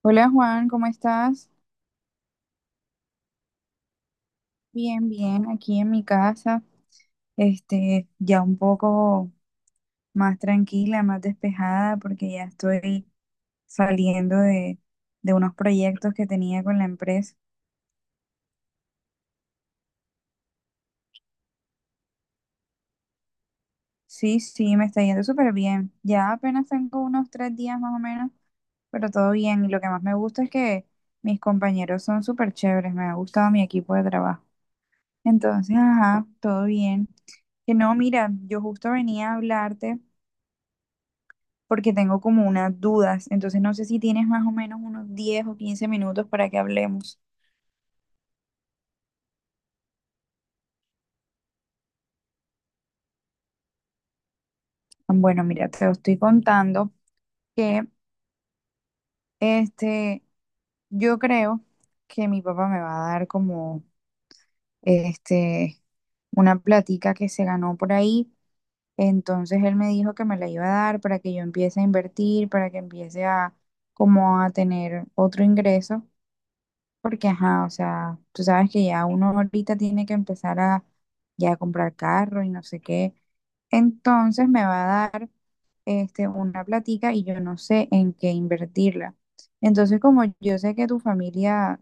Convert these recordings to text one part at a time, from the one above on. Hola Juan, ¿cómo estás? Bien, bien, aquí en mi casa, ya un poco más tranquila, más despejada, porque ya estoy saliendo de unos proyectos que tenía con la empresa. Sí, sí, me está yendo súper bien. Ya apenas tengo unos 3 días más o menos, pero todo bien. Y lo que más me gusta es que mis compañeros son súper chéveres, me ha gustado mi equipo de trabajo. Entonces, ajá, todo bien. Que no, mira, yo justo venía a hablarte porque tengo como unas dudas. Entonces no sé si tienes más o menos unos 10 o 15 minutos para que hablemos. Ah, bueno, mira, te lo estoy contando que este, yo creo que mi papá me va a dar como este, una platica que se ganó por ahí. Entonces él me dijo que me la iba a dar para que yo empiece a invertir, para que empiece a como a tener otro ingreso. Porque, ajá, o sea, tú sabes que ya uno ahorita tiene que empezar a ya comprar carro y no sé qué. Entonces me va a dar una platica y yo no sé en qué invertirla. Entonces, como yo sé que tu familia,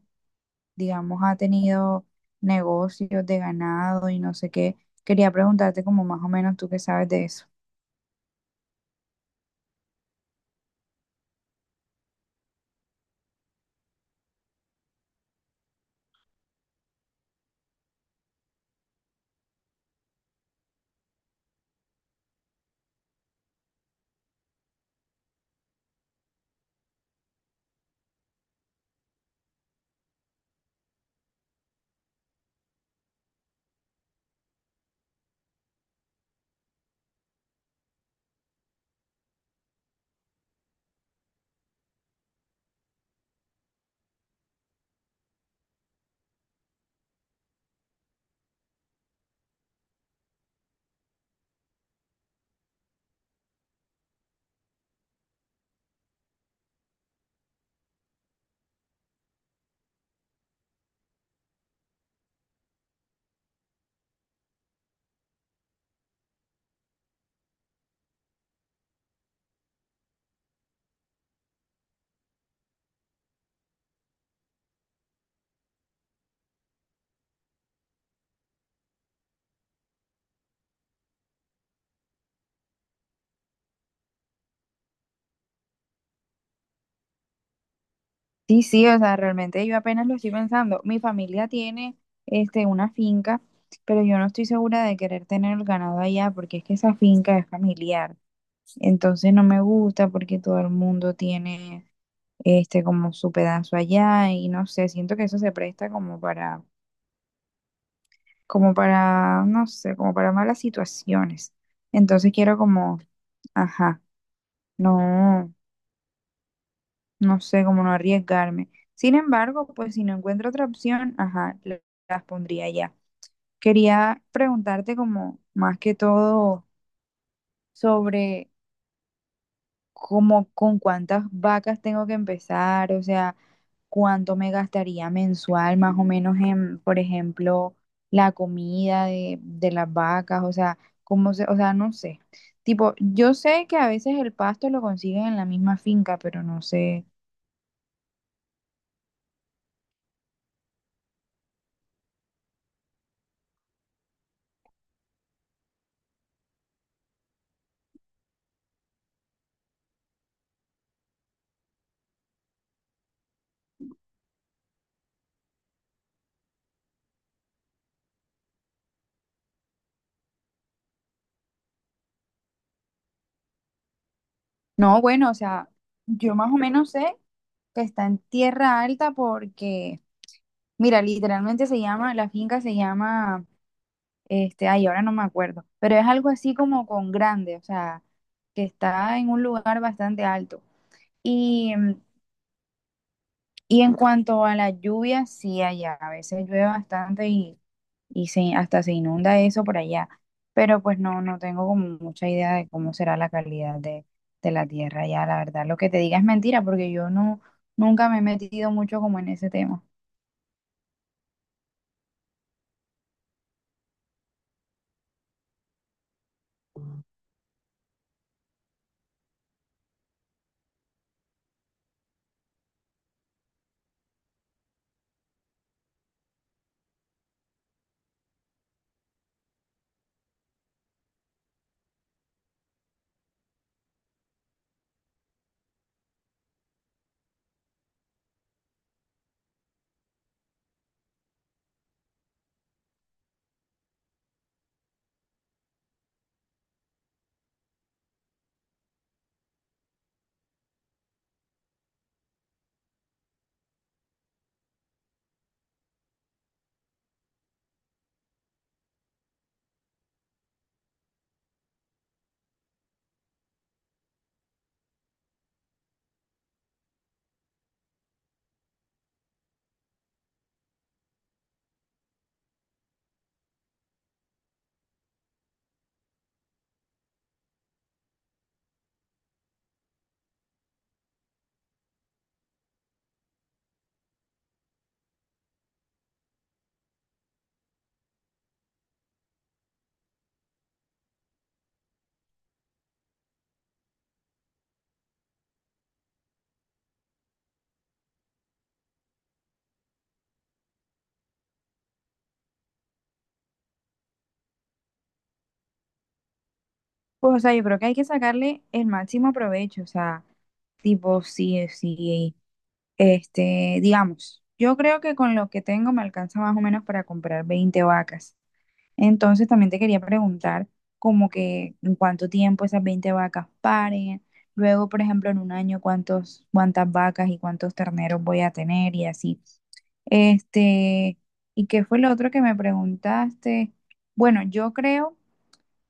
digamos, ha tenido negocios de ganado y no sé qué, quería preguntarte como más o menos tú qué sabes de eso. Sí, sí, o sea, realmente yo apenas lo estoy pensando. Mi familia tiene una finca, pero yo no estoy segura de querer tener el ganado allá porque es que esa finca es familiar. Entonces no me gusta porque todo el mundo tiene como su pedazo allá y no sé, siento que eso se presta como para como para no sé, como para malas situaciones. Entonces quiero como, ajá, no. No sé cómo no arriesgarme. Sin embargo, pues si no encuentro otra opción, ajá, las pondría ya. Quería preguntarte como más que todo sobre cómo con cuántas vacas tengo que empezar, o sea, cuánto me gastaría mensual más o menos en, por ejemplo, la comida de las vacas, o sea, cómo se, o sea, no sé. Tipo, yo sé que a veces el pasto lo consiguen en la misma finca, pero no sé. No, bueno, o sea, yo más o menos sé que está en tierra alta porque, mira, literalmente se llama, la finca se llama, ay, ahora no me acuerdo, pero es algo así como con grande, o sea, que está en un lugar bastante alto. Y, y en cuanto a la lluvia, sí, allá a veces llueve bastante y se, hasta se inunda eso por allá. Pero pues no, no tengo como mucha idea de cómo será la calidad de la tierra allá. La verdad, lo que te diga es mentira porque yo no, nunca me he metido mucho como en ese tema. Pues, o sea, yo creo que hay que sacarle el máximo provecho, o sea, tipo, sí, sí, digamos, yo creo que con lo que tengo me alcanza más o menos para comprar 20 vacas. Entonces también te quería preguntar como que en cuánto tiempo esas 20 vacas paren, luego, por ejemplo, en un año cuántos, cuántas vacas y cuántos terneros voy a tener y así. Este, ¿y qué fue lo otro que me preguntaste? Bueno, yo creo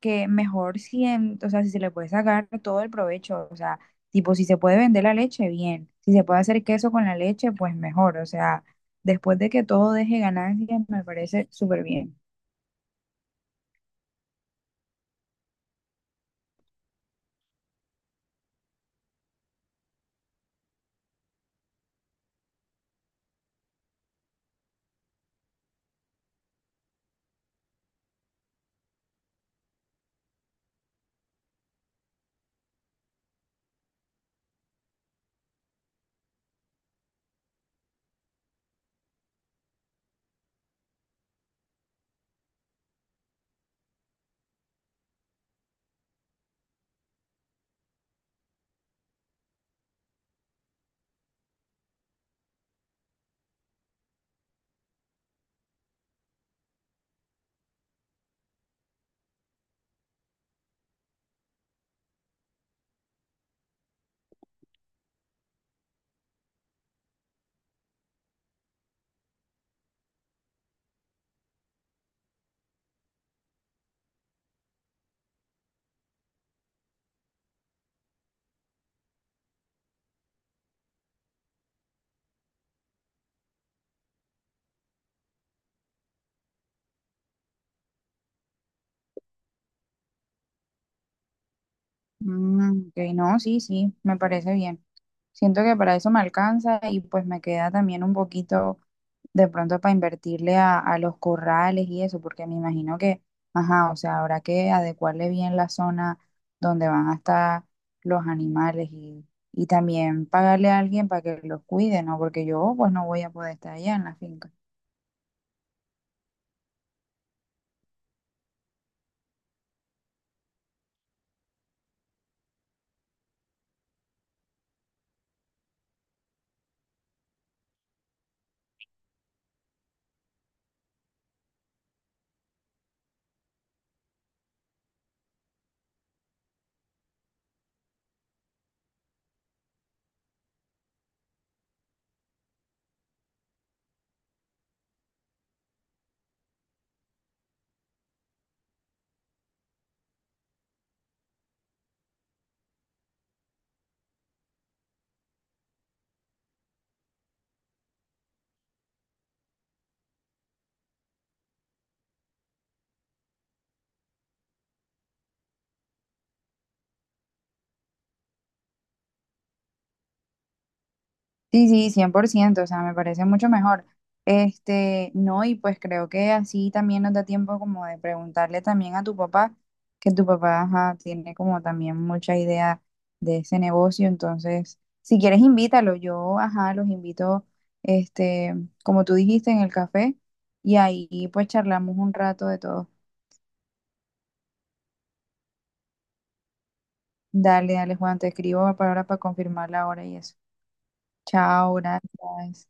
que mejor si, o sea, si se le puede sacar todo el provecho, o sea, tipo, si se puede vender la leche, bien, si se puede hacer queso con la leche, pues mejor, o sea, después de que todo deje ganancias, me parece súper bien. Mm, ok, no, sí, sí, me parece bien. Siento que para eso me alcanza y pues me queda también un poquito de pronto para invertirle a los corrales y eso, porque me imagino que, ajá, o sea, habrá que adecuarle bien la zona donde van a estar los animales y también pagarle a alguien para que los cuide, ¿no? Porque yo pues no voy a poder estar allá en la finca. Sí, sí, 100%, o sea, me parece mucho mejor. No, y pues creo que así también nos da tiempo como de preguntarle también a tu papá, que tu papá, ajá, tiene como también mucha idea de ese negocio, entonces, si quieres invítalo, yo, ajá, los invito, este, como tú dijiste, en el café, y ahí pues charlamos un rato de todo. Dale, dale, Juan, te escribo para ahora para confirmar la hora y eso. Chao, gracias.